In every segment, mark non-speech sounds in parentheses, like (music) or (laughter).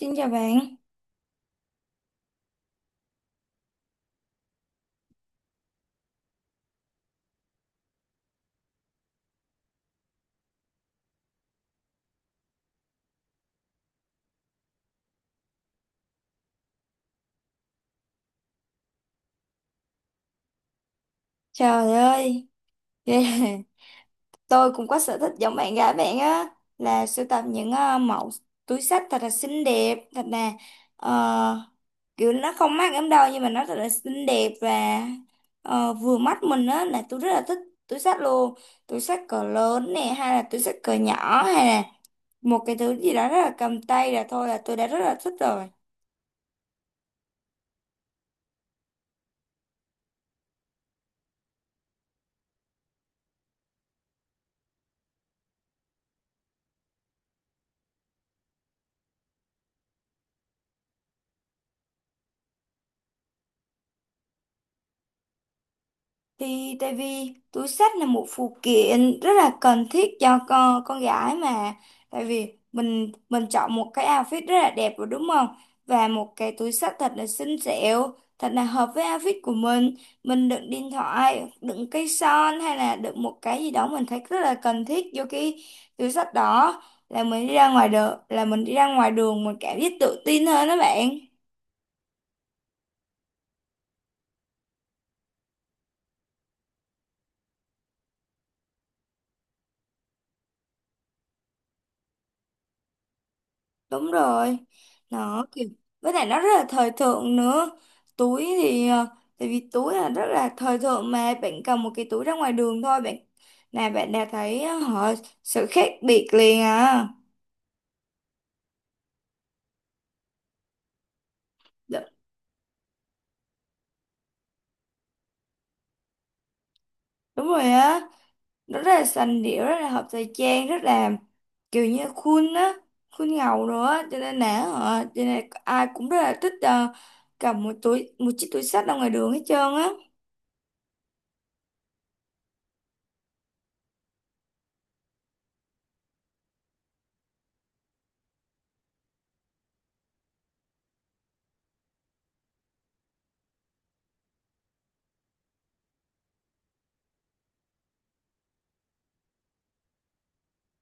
Xin chào bạn. Trời ơi, ghê. (laughs) Tôi cũng có sở thích giống bạn gái bạn á, là sưu tập những mẫu túi xách thật là xinh đẹp, thật là ờ, kiểu nó không mắc lắm đâu, nhưng mà nó thật là xinh đẹp và vừa mắt mình á, là tôi rất là thích túi xách luôn. Túi xách cỡ lớn nè, hay là túi xách cỡ nhỏ, hay là một cái thứ gì đó rất là cầm tay là thôi là tôi đã rất là thích rồi. Thì tại vì túi xách là một phụ kiện rất là cần thiết cho con gái mà. Tại vì mình chọn một cái outfit rất là đẹp rồi, đúng không? Và một cái túi xách thật là xinh xẻo, thật là hợp với outfit của mình. Mình đựng điện thoại, đựng cây son, hay là đựng một cái gì đó mình thấy rất là cần thiết vô cái túi xách đó, là mình đi ra ngoài đường mình cảm giác tự tin hơn đó bạn. Đúng rồi. Nó kiểu, với lại nó rất là thời thượng nữa. Túi thì tại vì túi là rất là thời thượng, mà bạn cầm một cái túi ra ngoài đường thôi, bạn là bạn đã thấy ờ, họ sự khác biệt liền à. Đ- Đúng rồi á. Nó rất là sành điệu, rất là hợp thời trang, rất là kiểu như khuôn á, khuôn ngầu rồi á, cho nên là cho nên ai cũng rất là thích, cầm một túi một chiếc túi xách ra ngoài đường hết trơn á.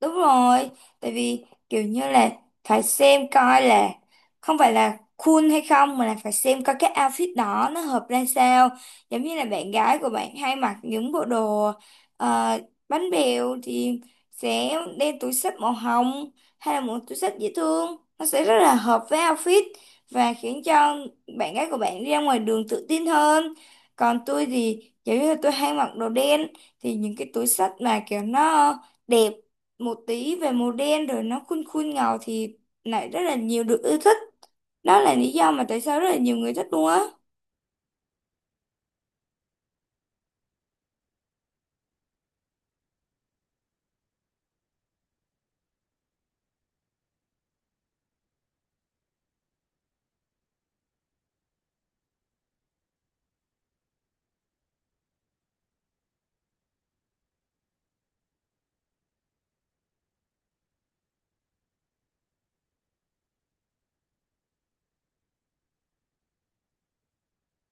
Đúng rồi, tại vì kiểu như là phải xem coi là không phải là cool hay không, mà là phải xem coi cái outfit đó nó hợp ra sao. Giống như là bạn gái của bạn hay mặc những bộ đồ ờ, bánh bèo thì sẽ đeo túi xách màu hồng, hay là một túi xách dễ thương. Nó sẽ rất là hợp với outfit và khiến cho bạn gái của bạn đi ra ngoài đường tự tin hơn. Còn tôi thì giống như là tôi hay mặc đồ đen, thì những cái túi xách mà kiểu nó đẹp một tí về màu đen rồi nó khuôn khuôn ngầu thì lại rất là nhiều được yêu thích. Đó là lý do mà tại sao rất là nhiều người thích luôn á.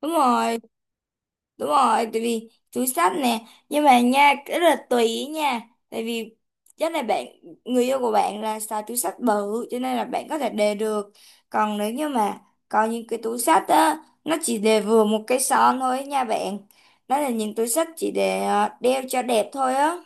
Đúng rồi. Đúng rồi, tại vì túi xách nè, nhưng mà nha, cái rất là tùy ý nha. Tại vì chắc là bạn, người yêu của bạn là xài túi xách bự, cho nên là bạn có thể đề được. Còn nếu như mà có những cái túi xách á, nó chỉ đề vừa một cái son thôi nha bạn. Đó là những túi xách chỉ để đeo cho đẹp thôi á.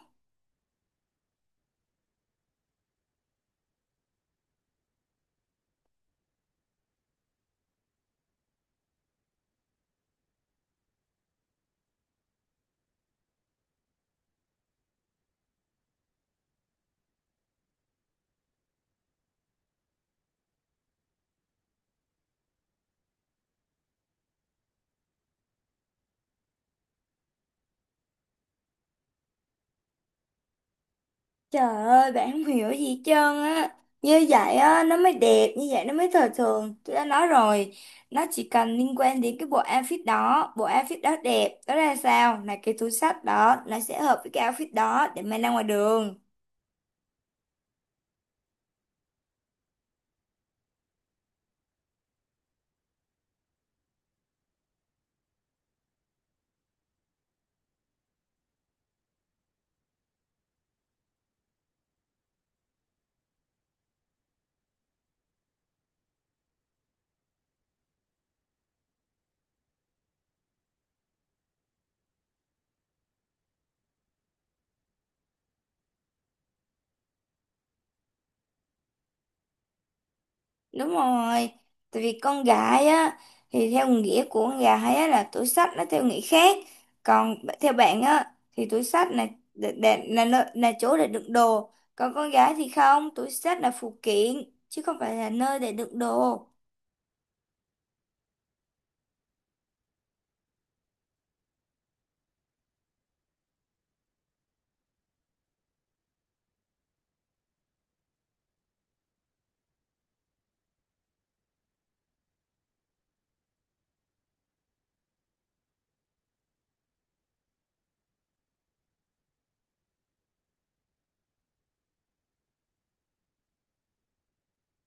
Trời ơi, bạn không hiểu gì hết trơn á. Như vậy á, nó mới đẹp, như vậy nó mới thời thường. Tôi đã nói rồi, nó chỉ cần liên quan đến cái bộ outfit đó. Bộ outfit đó đẹp, đó ra sao? Là cái túi xách đó, nó sẽ hợp với cái outfit đó để mang ra ngoài đường. Đúng rồi, tại vì con gái á, thì theo nghĩa của con gái á là túi xách nó theo nghĩa khác, còn theo bạn á thì túi xách là là là chỗ để đựng đồ, còn con gái thì không, túi xách là phụ kiện chứ không phải là nơi để đựng đồ.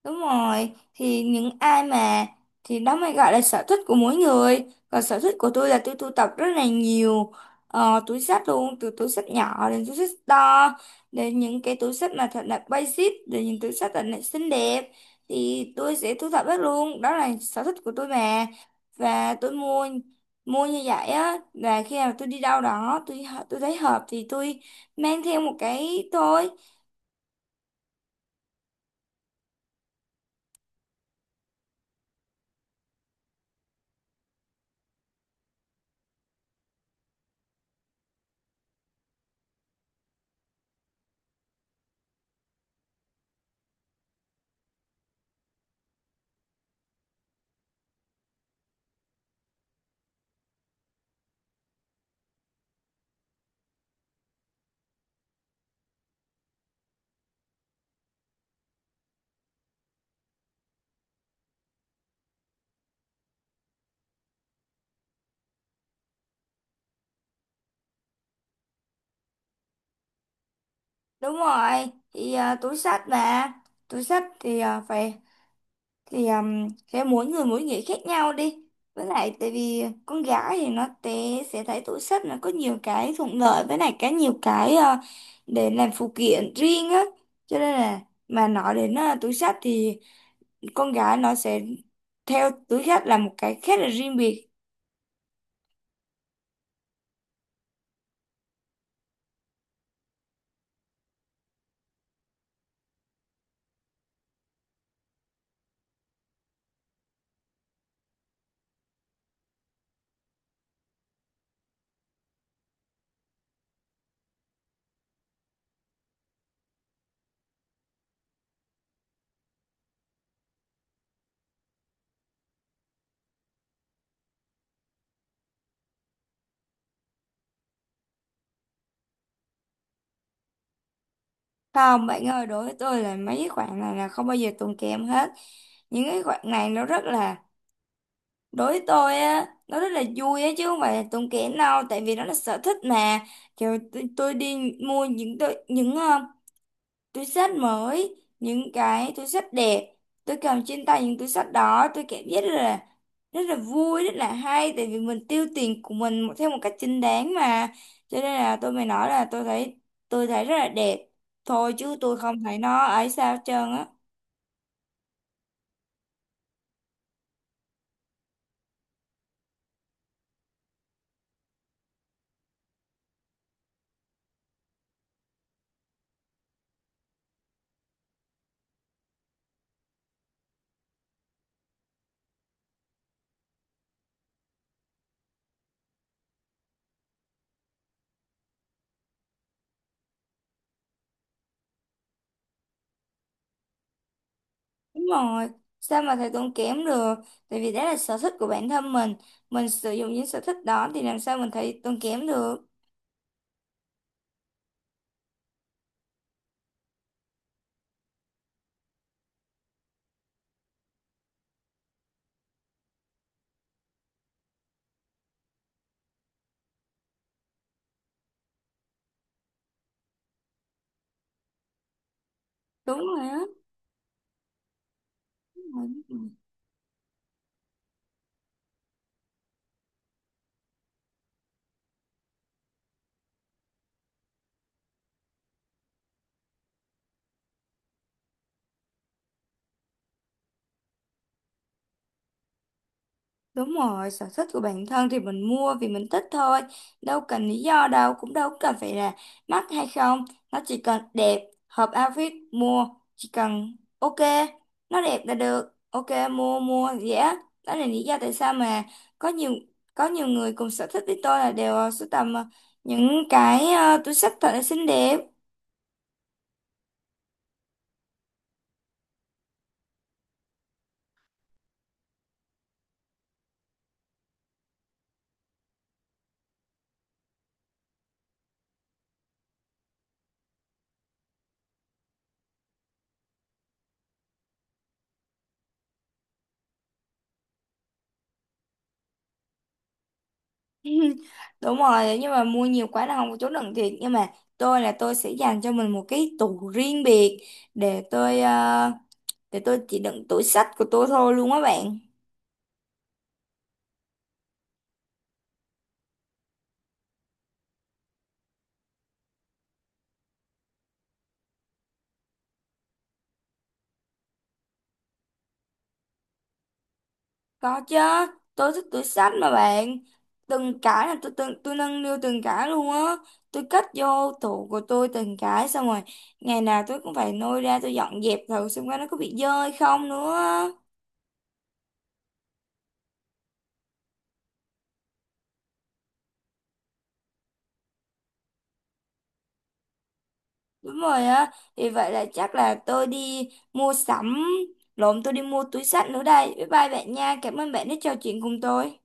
Đúng rồi, thì những ai mà thì đó mới gọi là sở thích của mỗi người. Còn sở thích của tôi là tôi sưu tập rất là nhiều túi xách luôn, từ túi xách nhỏ đến túi xách to, đến những cái túi xách mà thật là basic, đến những túi xách thật là xinh đẹp, thì tôi sẽ thu thập hết luôn. Đó là sở thích của tôi mà. Và tôi mua mua như vậy á, và khi nào tôi đi đâu đó tôi thấy hợp thì tôi mang theo một cái thôi. Đúng rồi, thì à, túi xách thì à, phải thì sẽ mỗi người mỗi nghĩ khác nhau đi. Với lại tại vì con gái thì nó sẽ thấy túi xách nó có nhiều cái thuận lợi, với lại cái nhiều cái để làm phụ kiện riêng á. Cho nên là mà nói đến túi xách thì con gái nó sẽ theo túi xách là một cái khác, là riêng biệt. Không bạn ơi, đối với tôi là mấy cái khoản này là không bao giờ tốn kém hết. Những cái khoản này nó rất là, đối với tôi á nó rất là vui á, chứ không phải là tốn kém đâu, tại vì nó là sở thích mà. Kiểu tôi đi mua những túi xách mới, những cái túi xách đẹp, tôi cầm trên tay những túi xách đó tôi cảm giác rất là, rất là vui, rất là hay, tại vì mình tiêu tiền của mình theo một cách chính đáng mà. Cho nên là tôi mới nói là tôi thấy rất là đẹp thôi, chứ tôi không thấy nó ấy sao hết trơn á. Đúng rồi, sao mà thầy tốn kém được? Tại vì đó là sở thích của bản thân mình sử dụng những sở thích đó thì làm sao mình thấy tốn kém được? Đúng rồi á. Đúng rồi. Đúng rồi, sở thích của bản thân thì mình mua vì mình thích thôi. Đâu cần lý do đâu, cũng đâu cần phải là mắc hay không. Nó chỉ cần đẹp, hợp outfit, mua. Chỉ cần ok, nó đẹp là được. Ok, mua, mua, dễ. Đó là lý do tại sao mà có nhiều có nhiều người cùng sở thích với tôi là đều sưu tầm những cái túi xách thật là xinh đẹp. (laughs) Đúng rồi, nhưng mà mua nhiều quá là không có chỗ đựng thiệt, nhưng mà tôi là tôi sẽ dành cho mình một cái tủ riêng biệt để để tôi chỉ đựng tủ sách của tôi thôi luôn á bạn. Có chứ, tôi thích tủ sách mà bạn. Từng cái là tôi nâng niu từng cái luôn á. Tôi cất vô tủ của tôi từng cái xong rồi, ngày nào tôi cũng phải lôi ra tôi dọn dẹp thử xem coi nó có bị dơ hay không nữa. Đúng rồi á, thì vậy là chắc là tôi đi mua túi xách nữa đây. Bye bye bạn nha, cảm ơn bạn đã trò chuyện cùng tôi.